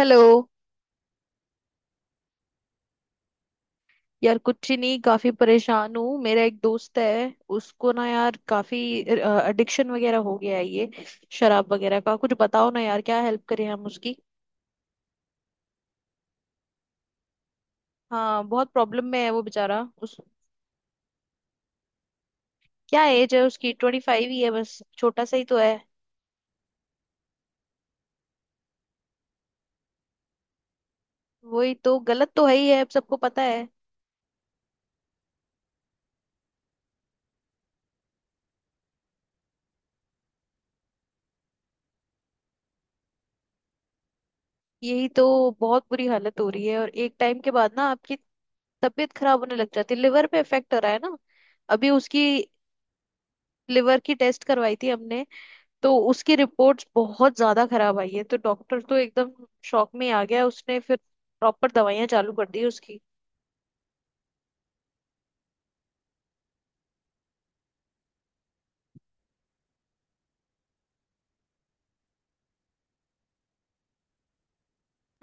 Hello. यार कुछ ही नहीं, काफी परेशान हूँ। मेरा एक दोस्त है, उसको ना यार काफी एडिक्शन वगैरह हो गया है, ये शराब वगैरह का। कुछ बताओ ना यार, क्या हेल्प करें हम उसकी। हाँ, बहुत प्रॉब्लम में है वो बेचारा। उस क्या एज है उसकी? 25 ही है, बस छोटा सा ही तो है। वही तो, गलत तो है ही है, अब सबको पता है। यही तो, बहुत बुरी हालत हो रही है। और एक टाइम के बाद ना आपकी तबीयत खराब होने लग जाती है, लिवर पे इफेक्ट हो रहा है ना। अभी उसकी लिवर की टेस्ट करवाई थी हमने, तो उसकी रिपोर्ट्स बहुत ज्यादा खराब आई है। तो डॉक्टर तो एकदम शॉक में ही आ गया। उसने फिर प्रॉपर दवाइयां चालू कर दी उसकी।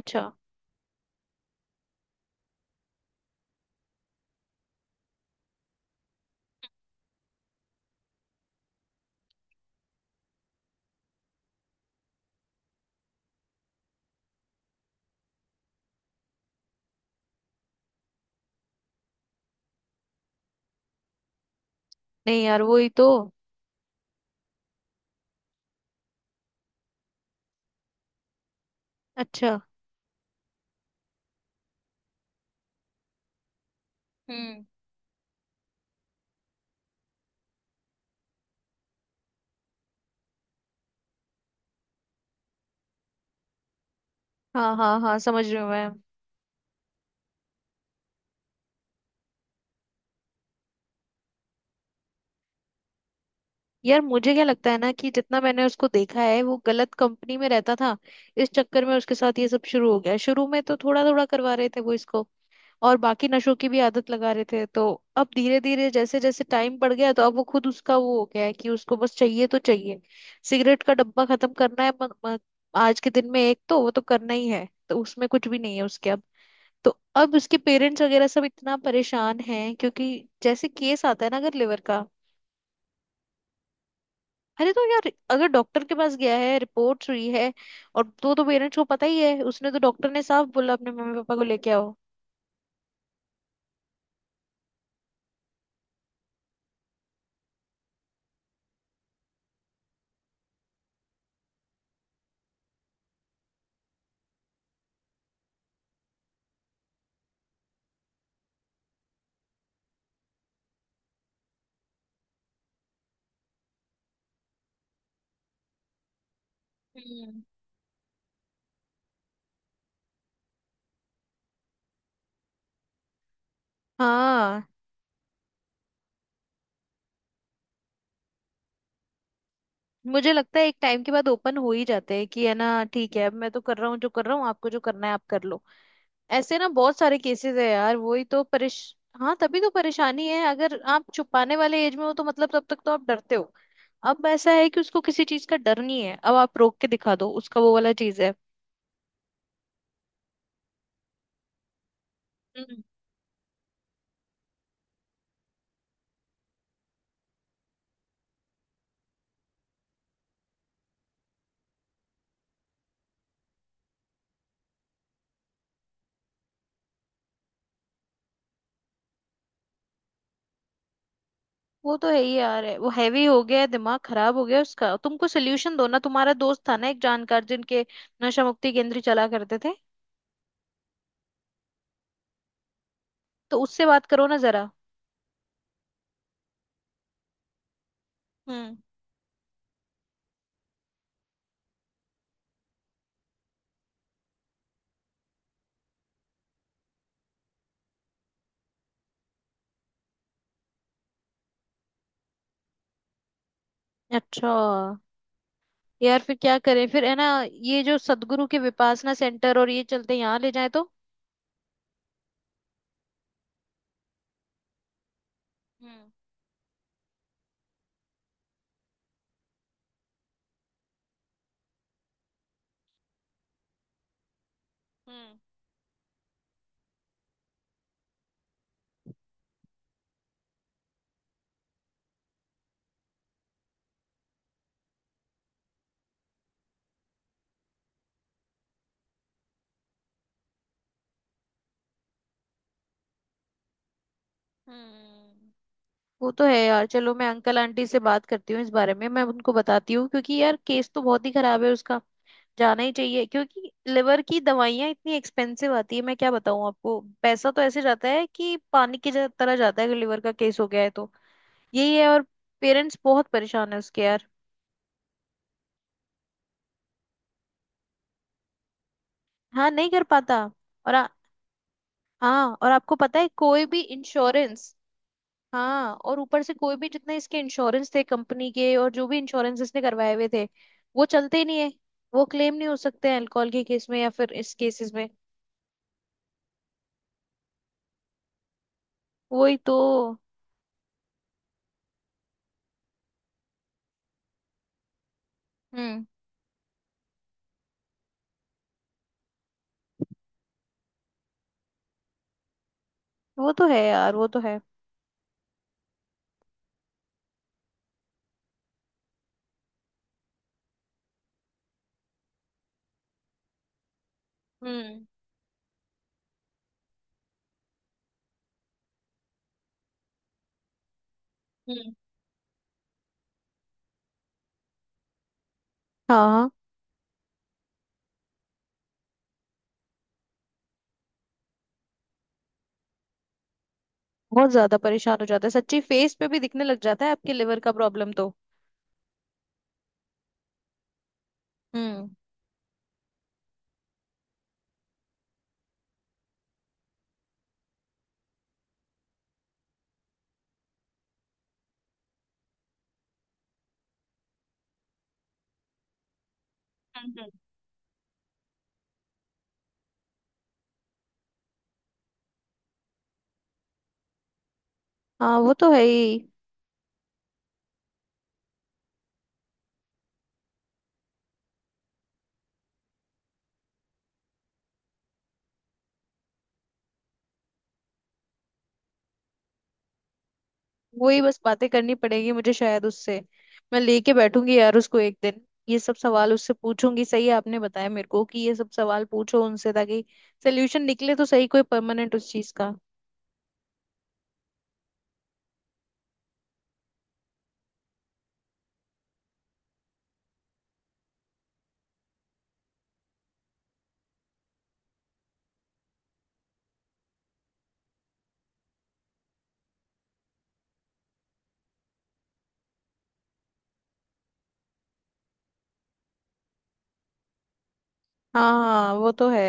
अच्छा। नहीं यार, वही तो। अच्छा। हम्म। हाँ हाँ हाँ, समझ रही हूँ मैं। यार मुझे क्या लगता है ना, कि जितना मैंने उसको देखा है, वो गलत कंपनी में रहता था। इस चक्कर में उसके साथ ये सब शुरू हो गया। शुरू में तो थोड़ा थोड़ा करवा रहे थे वो इसको, और बाकी नशों की भी आदत लगा रहे थे। तो अब धीरे धीरे जैसे जैसे टाइम बढ़ गया, तो अब वो खुद उसका वो हो गया है कि उसको बस चाहिए तो चाहिए। सिगरेट का डब्बा खत्म करना है म, म, आज के दिन में एक, तो वो तो करना ही है, तो उसमें कुछ भी नहीं है उसके अब। तो अब उसके पेरेंट्स वगैरह सब इतना परेशान हैं, क्योंकि जैसे केस आता है ना अगर लिवर का। अरे तो यार, अगर डॉक्टर के पास गया है, रिपोर्ट्स हुई है, और तो पेरेंट्स को पता ही है। उसने तो, डॉक्टर ने साफ बोला अपने मम्मी पापा को लेके आओ। हम्म। हाँ, मुझे लगता है एक टाइम के बाद ओपन हो ही जाते हैं, कि है ना ठीक है, अब मैं तो कर रहा हूँ, जो कर रहा हूँ, आपको जो करना है आप कर लो। ऐसे ना, बहुत सारे केसेस है यार, वही तो परेश हाँ, तभी तो परेशानी है। अगर आप छुपाने वाले एज में हो तो मतलब तब तक तो आप डरते हो। अब ऐसा है कि उसको किसी चीज का डर नहीं है, अब आप रोक के दिखा दो, उसका वो वाला चीज है। हम्म। वो तो है ही यार। है, वो हैवी हो गया है, दिमाग खराब हो गया है उसका। तुमको सोल्यूशन दो ना, तुम्हारा दोस्त था ना एक जानकार, जिनके नशा मुक्ति केंद्र चला करते थे, तो उससे बात करो ना जरा। हम्म। अच्छा। यार फिर क्या करें फिर, है ना ये जो सदगुरु के विपासना सेंटर और ये चलते हैं, यहाँ ले जाए तो। हम्म हम्म हम्म। वो तो है यार। चलो मैं अंकल आंटी से बात करती हूँ इस बारे में, मैं उनको बताती हूँ, क्योंकि यार केस तो बहुत ही खराब है उसका। जाना ही चाहिए, क्योंकि लिवर की दवाइयाँ इतनी एक्सपेंसिव आती है, मैं क्या बताऊँ आपको। पैसा तो ऐसे जाता है कि पानी की तरह जाता है, अगर लिवर का केस हो गया है तो। यही है। और पेरेंट्स बहुत परेशान है उसके यार। हाँ, नहीं कर पाता। और आ- हाँ, और आपको पता है कोई भी इंश्योरेंस, हाँ और ऊपर से कोई भी, जितने इसके इंश्योरेंस थे कंपनी के, और जो भी इंश्योरेंस इसने करवाए हुए थे, वो चलते ही नहीं है। वो क्लेम नहीं हो सकते हैं अल्कोहल के केस में, या फिर इस केसेस में। वही तो। हम्म। वो तो है यार, वो तो है। हम्म हम्म। हाँ हाँ, बहुत ज्यादा परेशान हो जाता है सच्ची। फेस पे भी दिखने लग जाता है आपके लिवर का प्रॉब्लम तो। हम्म हम्म हम्म। हाँ, वो तो है ही। वही बस बातें करनी पड़ेगी मुझे शायद उससे। मैं लेके बैठूंगी यार उसको एक दिन, ये सब सवाल उससे पूछूंगी। सही है, आपने बताया मेरे को कि ये सब सवाल पूछो उनसे, ताकि सोल्यूशन निकले तो सही, कोई परमानेंट उस चीज का। हाँ हाँ, वो तो है।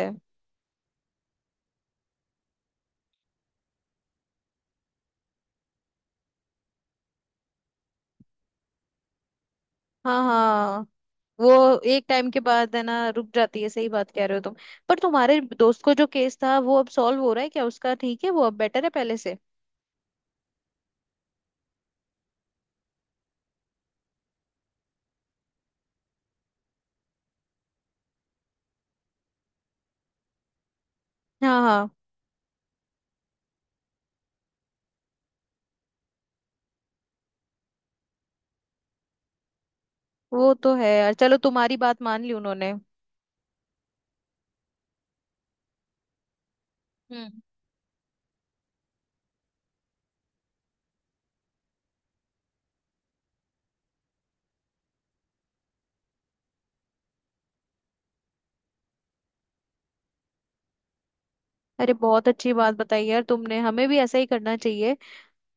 हाँ हाँ, वो एक टाइम के बाद है ना रुक जाती है, सही बात कह रहे हो तुम। पर तुम्हारे दोस्त को जो केस था वो अब सॉल्व हो रहा है क्या उसका? ठीक है वो, अब बेटर है पहले से? हाँ हाँ, वो तो है यार। चलो, तुम्हारी बात मान ली उन्होंने। हम्म। अरे बहुत अच्छी बात बताई यार तुमने, हमें भी ऐसा ही करना चाहिए।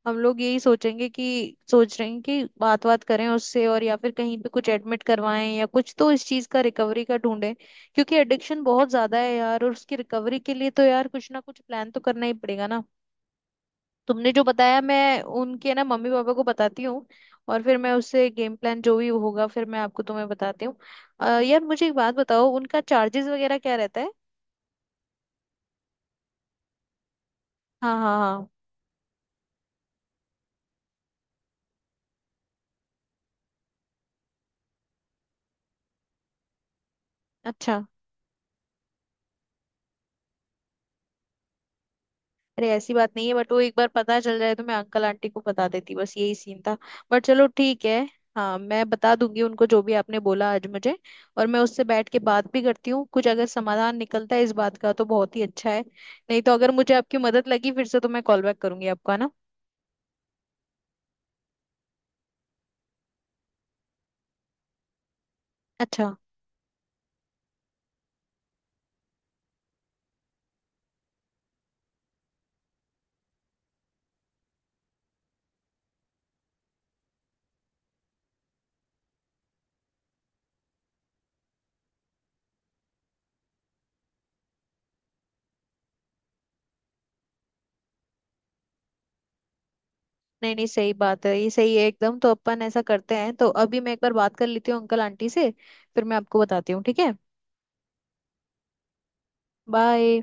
हम लोग यही सोचेंगे कि, सोच रहे हैं कि बात, बात करें उससे, और या फिर कहीं पे कुछ एडमिट करवाएं, या कुछ तो इस चीज का रिकवरी का ढूंढें। क्योंकि एडिक्शन बहुत ज्यादा है यार, और उसकी रिकवरी के लिए तो यार कुछ ना कुछ प्लान तो करना ही पड़ेगा ना। तुमने जो बताया मैं उनके ना मम्मी पापा को बताती हूँ, और फिर मैं उससे गेम प्लान जो भी होगा फिर मैं आपको, तुम्हें बताती हूँ। यार मुझे एक बात बताओ, उनका चार्जेस वगैरह क्या रहता है? हाँ हाँ हाँ। अच्छा। अरे ऐसी बात नहीं है, बट वो एक बार पता चल जाए तो मैं अंकल आंटी को बता देती, बस यही सीन था। बट चलो ठीक है। हाँ, मैं बता दूंगी उनको जो भी आपने बोला आज मुझे। और मैं उससे बैठ के बात भी करती हूँ, कुछ अगर समाधान निकलता है इस बात का तो बहुत ही अच्छा है। नहीं तो अगर मुझे आपकी मदद लगी फिर से तो मैं कॉल बैक करूंगी आपको, है ना? अच्छा। नहीं नहीं, सही बात है, ये सही है एकदम। तो अपन ऐसा करते हैं, तो अभी मैं एक बार बात कर लेती हूँ अंकल आंटी से, फिर मैं आपको बताती हूँ ठीक है? बाय।